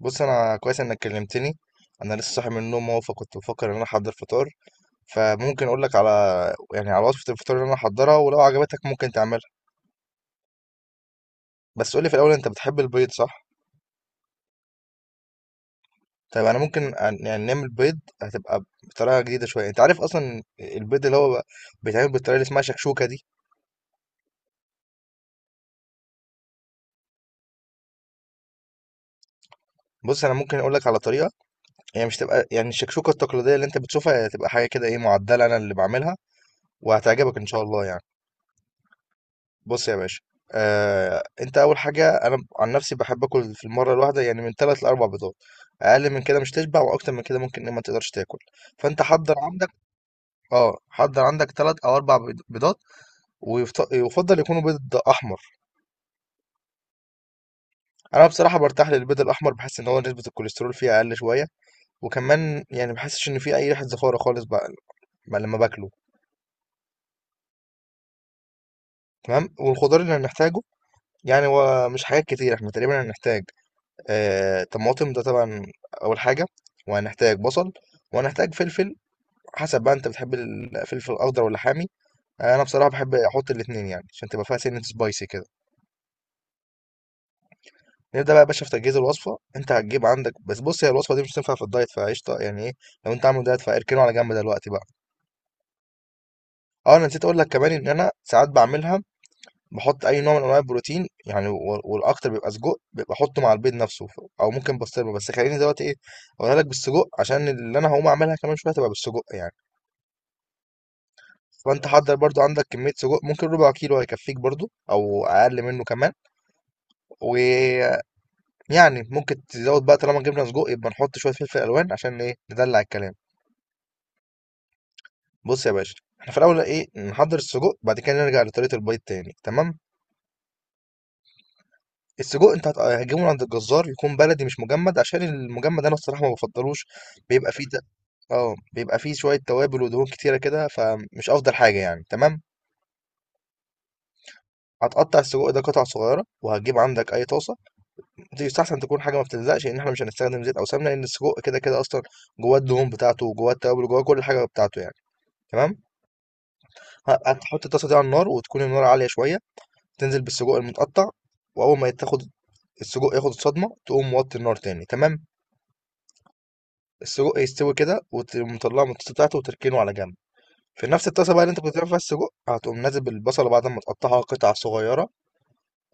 بص، انا كويس انك كلمتني. انا لسه صاحي من النوم اهو، فكنت بفكر ان انا احضر فطار. فممكن اقول لك على، يعني على وصفة الفطار اللي انا احضرها، ولو عجبتك ممكن تعملها. بس قول لي في الاول، انت بتحب البيض؟ صح؟ طيب انا ممكن يعني نعمل بيض، هتبقى بطريقه جديده شويه. انت عارف اصلا البيض اللي هو بيتعمل بالطريقه اللي اسمها شكشوكه دي. بص انا ممكن اقول لك على طريقه هي مش تبقى يعني الشكشوكه التقليديه اللي انت بتشوفها، هي تبقى حاجه كده ايه معدله، انا اللي بعملها وهتعجبك ان شاء الله يعني. بص يا باشا، انت اول حاجه انا عن نفسي بحب اكل في المره الواحده يعني من ثلاث لاربع بيضات. اقل من كده مش تشبع، واكتر من كده ممكن إن ما تقدرش تاكل. فانت حضر عندك ثلاث او اربع بيضات، ويفضل يكونوا بيض احمر. انا بصراحه برتاح للبيض الاحمر، بحس ان هو نسبه الكوليسترول فيه اقل شويه، وكمان يعني بحسش ان فيه اي ريحه زفاره خالص بقى. بقى لما باكله، تمام. والخضار اللي هنحتاجه يعني هو مش حاجات كتير، احنا تقريبا هنحتاج طماطم ده طبعا اول حاجه، وهنحتاج بصل، وهنحتاج فلفل. حسب بقى انت بتحب الفلفل الاخضر ولا حامي؟ انا بصراحه بحب احط الاثنين يعني عشان تبقى فيها سنه سبايسي كده. نبدا بقى يا باشا في تجهيز الوصفه. انت هتجيب عندك، بس بص، هي الوصفه دي مش هتنفع في الدايت فقشطه يعني ايه، لو انت عامل دايت فاركنه على جنب دلوقتي بقى. اه انا نسيت اقول لك كمان ان انا ساعات بعملها باحط أي نوع من أنواع البروتين يعني والأكتر بيبقى سجق، بابقى أحطه مع البيض نفسه، أو ممكن بسطرمة، بس خلّيني دلوقتي إيه أقولها لك بالسجق عشان اللي أنا هاقوم أعملها كمان شوية هتبقى بالسجق يعني. فأنت خلاص، حضّر برضه عندك كمية سجق، ممكن ربع كيلو هيكفيك برضه أو أقل منه كمان. ويعني ممكن تزوّد بقى، طالما جبنا سجق يبقى نحط شوية فلفل ألوان عشان إيه ندلّع الكلام. بُص يا باشا، إحنا في الأول إيه نحضّر السجق، بعد كده نرجع لطريقة البيض تاني، تمام؟ السجق أنت هتجيبه من عند الجزار، يكون بلدي مش مجمد، عشان المجمد أنا الصراحة ما بفضلوش، بيبقى فيه ت- اه بيبقى فيه شوية توابل ودهون كتيرة كده، فمش أفضل حاجة يعني. تمام، هتقطع السجق ده قطع صغيرة، وهتجيب عندك أي طاسة. دي يستحسن تكون حاجة ما بتلزقش، لأن احنا مش هنستخدم زيت أو سمنة، لأن السجق كده كده أصلا جواه الدهون بتاعته، وجواه التوابل، وجواه كل حاجة بتاعته يعني. تمام. هتحط الطاسة دي على النار، وتكون النار عالية شوية، تنزل بالسجق المتقطع. وأول ما تاخد السجق، ياخد الصدمة تقوم موطي النار تاني. تمام. السجق يستوي كده، وتقوم مطلعه من الطاسه بتاعته وتركنه على جنب. في نفس الطاسه بقى اللي انت كنت بتعمل فيها السجق، هتقوم نازل بالبصله بعد ما تقطعها قطع صغيره.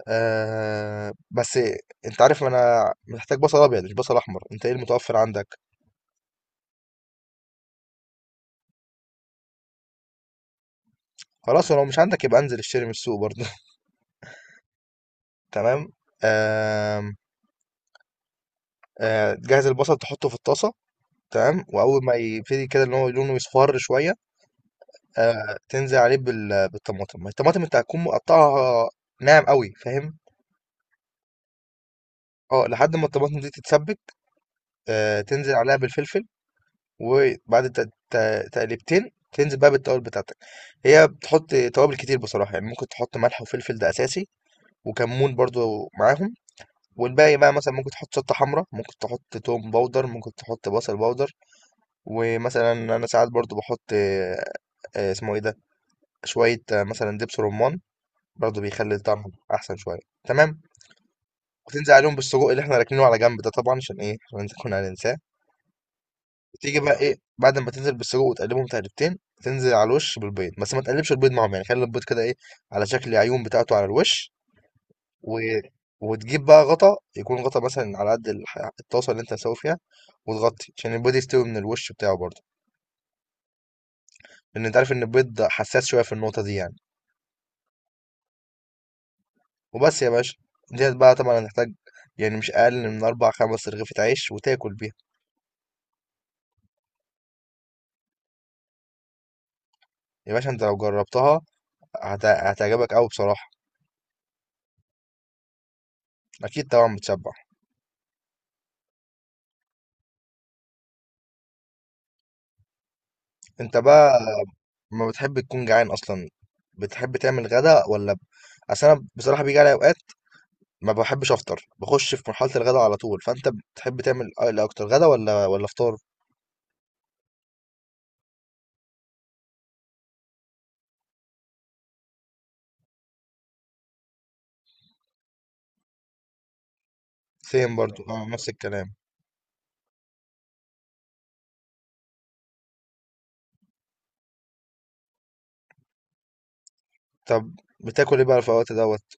بس انت عارف انا محتاج بصل ابيض مش بصل احمر، انت ايه المتوفر عندك؟ خلاص، ولو مش عندك يبقى انزل اشتري من السوق برضه تمام. آه جهز البصل تحطه في الطاسه. تمام، واول ما يبتدي كده ان هو لونه يصفر شويه، تنزل عليه بالطماطم. الطماطم انت هتكون مقطعها ناعم قوي، فاهم؟ اه، لحد ما الطماطم دي تتسبك، تنزل عليها بالفلفل، وبعد تقليبتين تنزل بقى بالتوابل بتاعتك. هي بتحط توابل كتير بصراحة، يعني ممكن تحط ملح وفلفل، ده أساسي، وكمون برضو معاهم. والباقي بقى مثلا ممكن تحط شطة حمراء، ممكن تحط توم باودر، ممكن تحط بصل باودر. ومثلا أنا ساعات برضو بحط اسمه إيه ده، شوية مثلا دبس رمان، برضو بيخلي الطعم أحسن شوية. تمام. وتنزل عليهم بالسجق اللي احنا راكنينه على جنب ده، طبعا عشان ايه، عشان نكون هننساه. تيجي بقى ايه، بعد ما تنزل بالسجق وتقلبهم تقلبتين، تنزل على الوش بالبيض، بس ما تقلبش البيض معاهم، يعني خلي البيض كده ايه، على شكل عيون بتاعته على الوش. و... وتجيب بقى غطا، يكون غطا مثلا على قد الطاسه اللي انت هتسوي فيها، وتغطي عشان البيض يستوي من الوش بتاعه برضه. لان انت عارف ان البيض حساس شويه في النقطه دي يعني. وبس يا باشا. ديت بقى طبعا هتحتاج يعني مش اقل من اربع خمس رغيفة عيش وتاكل بيها. يا باشا انت لو جربتها هتعجبك قوي بصراحه. اكيد طبعا بتشبع. انت بقى ما بتحب تكون جعان اصلا، بتحب تعمل غدا؟ اصل انا بصراحه بيجي علي اوقات ما بحبش افطر، بخش في مرحله الغدا على طول. فانت بتحب تعمل إيه اكتر، غدا ولا فطار؟ سيم برضو، نفس الكلام. طب بتاكل ايه بقى في الوقت دوت؟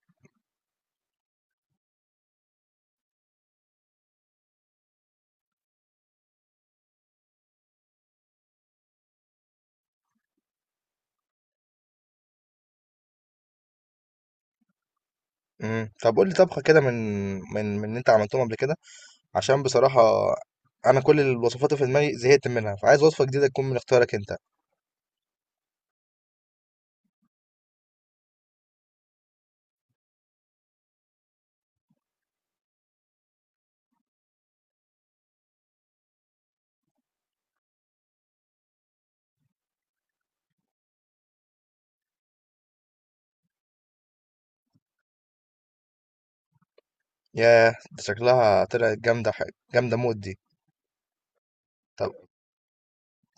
طب قول لي طبخه كده من اللي انت عملتهم قبل كده، عشان بصراحه انا كل الوصفات اللي في دماغي زهقت منها، فعايز وصفه جديده تكون من اختيارك انت. ياه، ده شكلها طلعت جامده، حاجه جامده موت دي. طب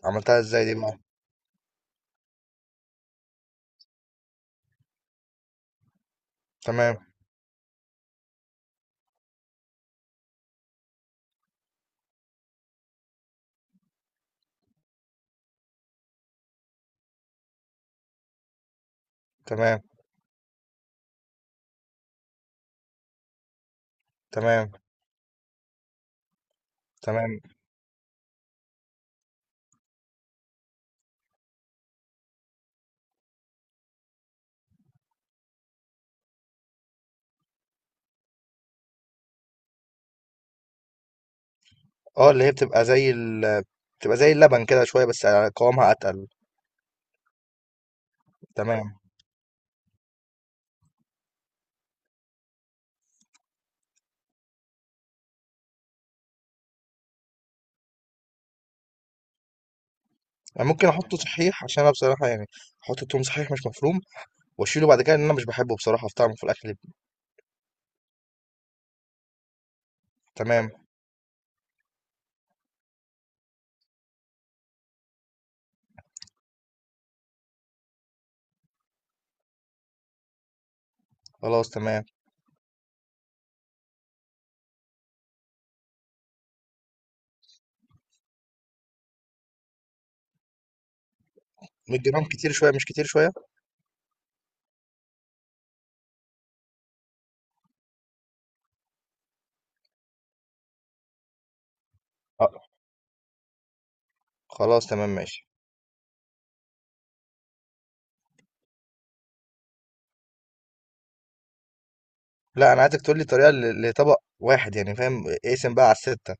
عملتها ازاي دي بقى؟ تمام. تمام. تمام. تمام. اه، اللي هي بتبقى زي اللبن كده شويه بس قوامها اتقل. تمام. انا ممكن احطه صحيح، عشان انا بصراحه يعني احط التوم صحيح مش مفروم، واشيله بعد كده، لان انا مش بحبه بصراحه في طعمه في الاكل. تمام، خلاص، تمام. 100 جرام كتير شويه، مش كتير شويه. اه، خلاص، تمام، ماشي. لا، انا عايزك تقول لي طريقه لطبق واحد يعني، فاهم؟ اقسم بقى على السته.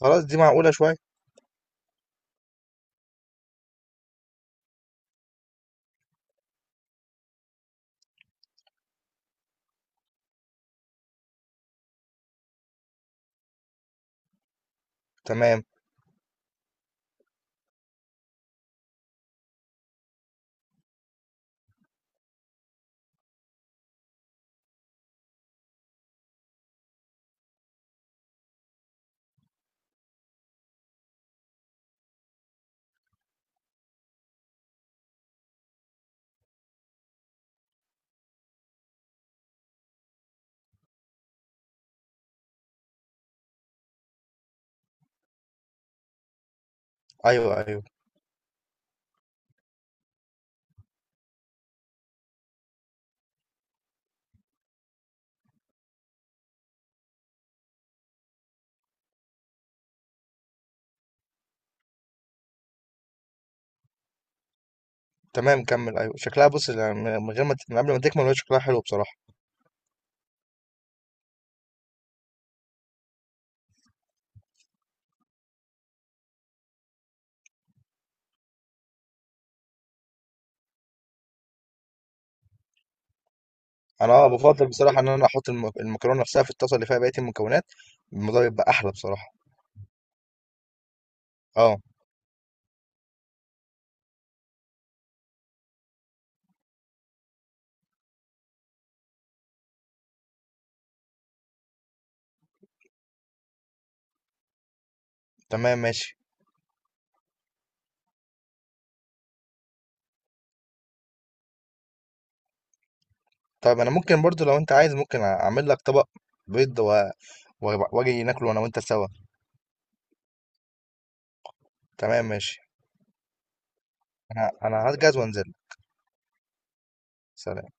خلاص، دي معقوله شويه. تمام. ايوه، ايوه. تمام، كمل. ايوه شكلها، بص، من قبل ما تكمل، هو شكلها حلو بصراحه. انا بفضل بصراحه ان انا احط المكرونه نفسها في الطاسه اللي فيها بقيه المكونات، الموضوع بيبقى احلى بصراحه. اه. تمام، ماشي. طيب انا ممكن برضو لو انت عايز ممكن اعمل لك طبق بيض واجي ناكله انا وانت سوا. تمام، ماشي. انا هجهز وانزل. سلام.